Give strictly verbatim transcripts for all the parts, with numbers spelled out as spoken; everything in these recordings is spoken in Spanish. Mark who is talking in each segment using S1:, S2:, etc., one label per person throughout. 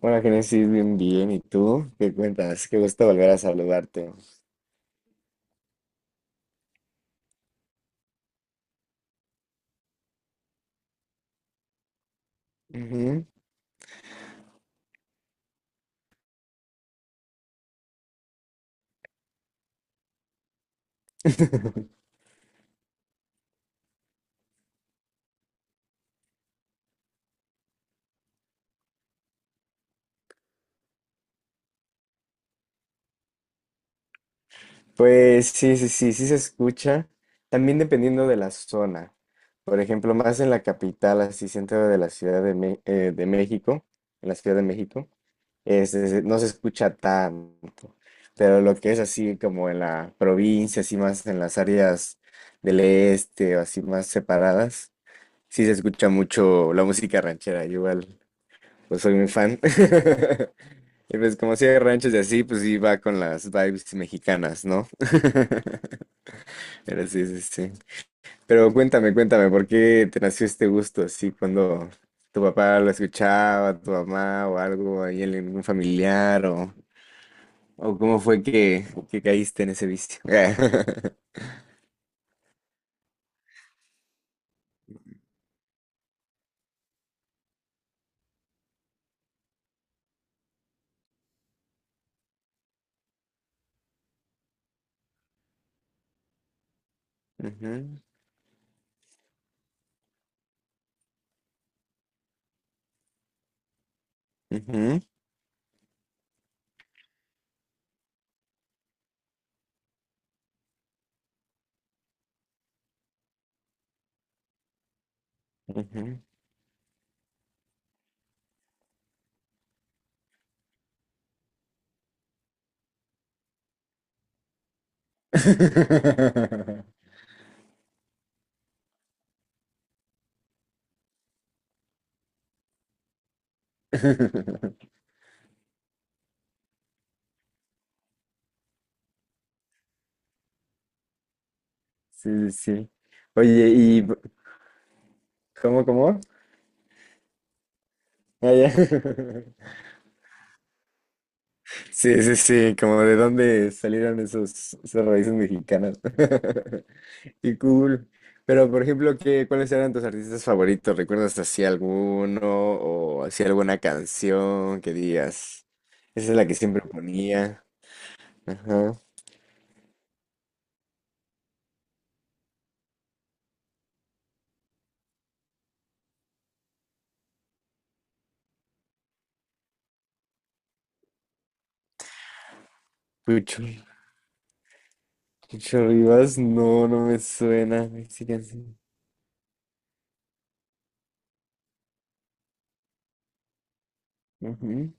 S1: Hola, Génesis, bien, bien. ¿Y tú? ¿Qué cuentas? Qué gusto volver a saludarte. Ujú. Pues sí, sí, sí, sí se escucha. También dependiendo de la zona. Por ejemplo, más en la capital, así centro de la Ciudad de, Me- eh, de México, en la Ciudad de México, es- es- no se escucha tanto. Pero lo que es así como en la provincia, así más en las áreas del este o así más separadas, sí se escucha mucho la música ranchera, igual. Pues soy muy fan. Y pues como hacía ranchos y así, pues iba con las vibes mexicanas, ¿no? Pero sí, sí, sí. Pero cuéntame, cuéntame, ¿por qué te nació este gusto así cuando tu papá lo escuchaba, tu mamá o algo, ahí en algún familiar o, o cómo fue que, que caíste en ese vicio? Ujú, ujú, ujú. Sí, sí, sí. Oye, ¿y cómo, cómo? Ah, ya. Sí, sí, sí, como de dónde salieron esos, esas raíces mexicanas. Qué cool. Pero, por ejemplo, ¿qué, cuáles eran tus artistas favoritos? ¿Recuerdas así alguno o así alguna canción que digas? Esa es la que siempre ponía. Ajá. Pucho. Pucho Rivas, no, no me suena. Sí, canción. Ujú.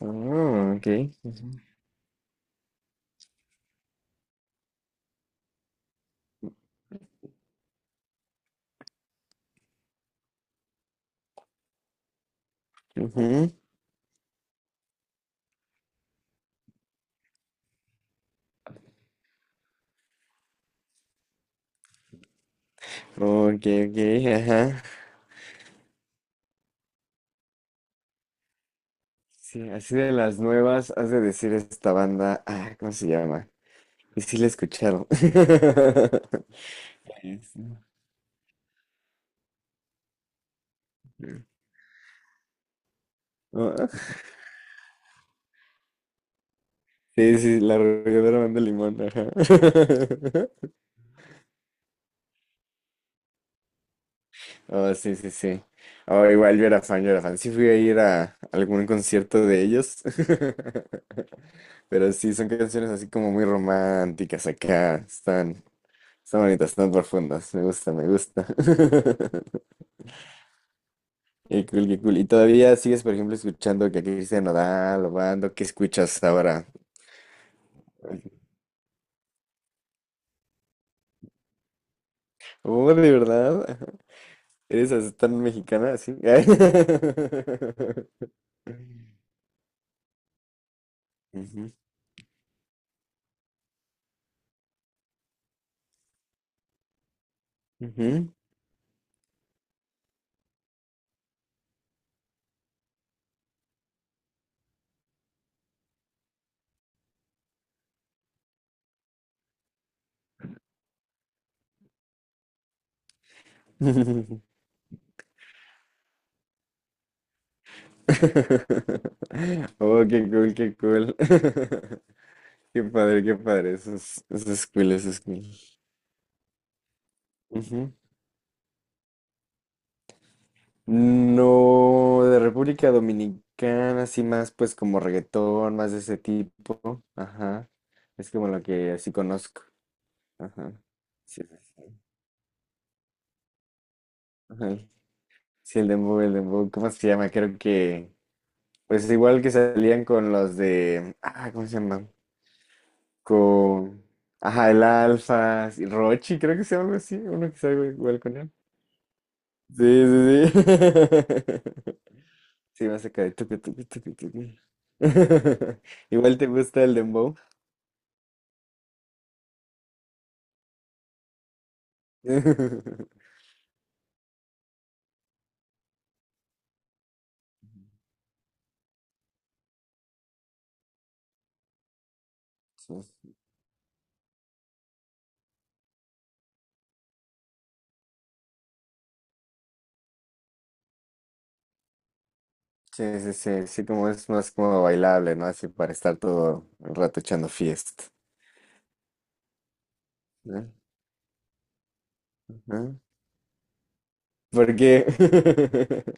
S1: Ah, ok. Ujú. Ujú. Ok, ok, ajá. Sí, así de las nuevas, has de decir esta banda, ah, ¿cómo se llama? Y sí la he escuchado. Sí, sí. Ah, sí, sí, la arrolladora banda Limón, ajá. Oh, sí, sí, sí. Oh, igual yo era fan, yo era fan. Sí fui a ir a algún concierto de ellos. Pero sí, son canciones así como muy románticas acá. Están, están bonitas, están profundas. Me gusta, me gusta. Qué cool, qué cool. ¿Y todavía sigues, por ejemplo, escuchando que a Cristian Nodal o Bando? ¿Qué escuchas ahora? Oh, de verdad. Ajá. ¿Eres así tan mexicana así? Ujú, ujú. Oh, qué cool, qué cool. Qué padre, qué padre. Eso es, eso es cool, eso es cool. No, de República Dominicana, así más pues como reggaetón, más de ese tipo. Ajá. Es como lo que así conozco. Ajá. Sí, sí, sí. Ajá. Sí, el dembow, el dembow, ¿cómo se llama? Creo que, pues igual que salían con los de, ah, ¿cómo se llama? Con, ajá, el Alfa, sí, Rochi, creo que se llama algo así, uno que sabe igual con él. Sí, sí, sí. Sí, más acá de tucu, tucu, tucu, tucu. Igual te gusta el dembow. Sí, sí, sí, sí, sí, como es más como bailable, ¿no? Así para estar todo el rato echando fiesta. ¿No? Ajá. Porque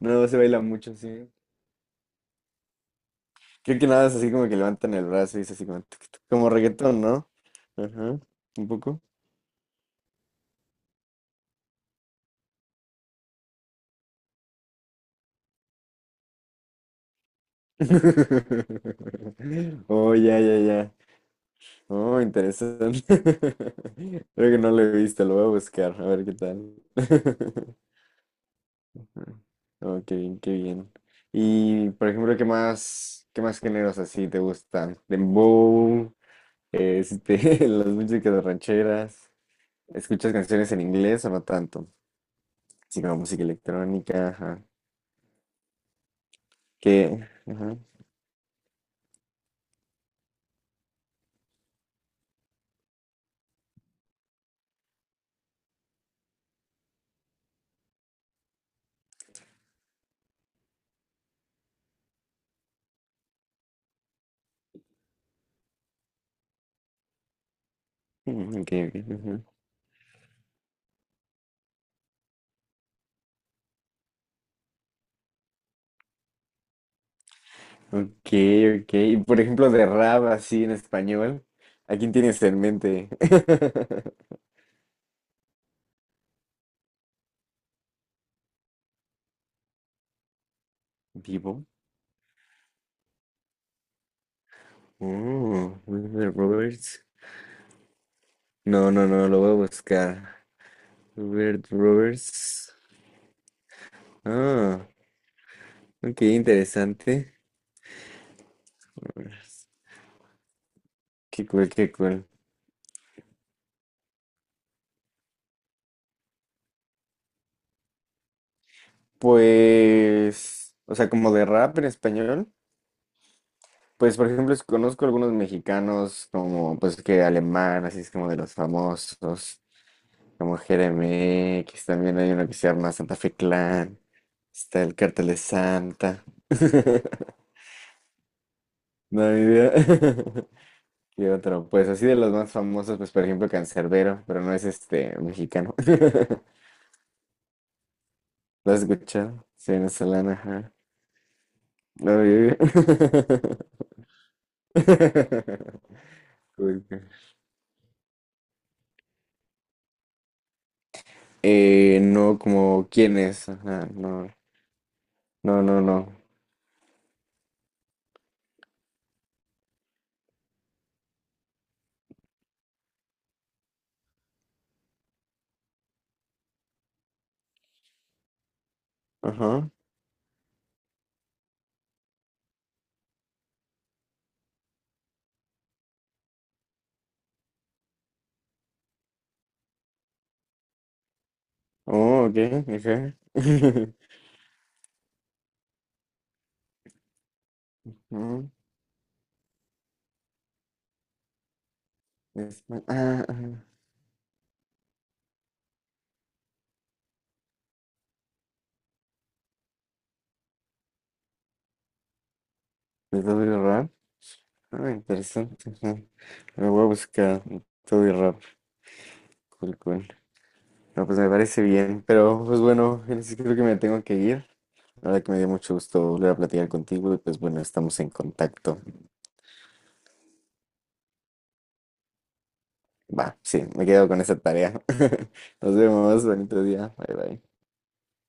S1: no se baila mucho, sí. Creo que nada es así como que levantan el brazo y es así como, tuc, tuc, como reggaetón, ¿no? Ajá, un poco. Oh, ya, ya, ya. Oh, interesante. Creo que no lo he visto, lo voy a buscar, a ver qué tal. Oh, qué bien, qué bien. Y, por ejemplo, ¿qué más, qué más géneros así te gustan? Dembow, este, las músicas rancheras. ¿Escuchas canciones en inglés o no tanto? Así como música electrónica, ajá. ¿Qué? Ajá. Mm, ok, ok, ujú. Ok, ok. Y, por ejemplo, de rap así en español, ¿a quién tienes en mente? Vivo. Oh, Wilbur Roberts. No, no, no, lo voy a buscar. Wilbur Roberts. Ah, ok, interesante. Roberts. Qué cool, qué cool. Pues, o sea, como de rap en español, pues por ejemplo, es- conozco algunos mexicanos como, pues que alemán, así es como de los famosos, como Jeremy X. También hay uno que se llama Santa Fe Clan. Está el Cartel de Santa. No hay idea. ¿Qué otro? Pues así de los más famosos, pues por ejemplo Cancerbero, pero no es este mexicano. ¿Lo has escuchado? Sí, venezolana, ajá. No, yo- Uy, qué- Eh, no, como quién es, ajá, no, no, no, no. Ajá. Oh, ok, ajá. Mm, es- Ah, ajá. ¿De Toby Rap? Ah, interesante, ajá. Lo voy a buscar, Toby Rap. Cool, cool. No, pues me parece bien, pero pues bueno, Génesis, creo que me tengo que ir. La verdad que me dio mucho gusto volver a platicar contigo y pues bueno, estamos en contacto. Va, sí, me quedo con esa tarea. Nos vemos, bonito día. Bye bye.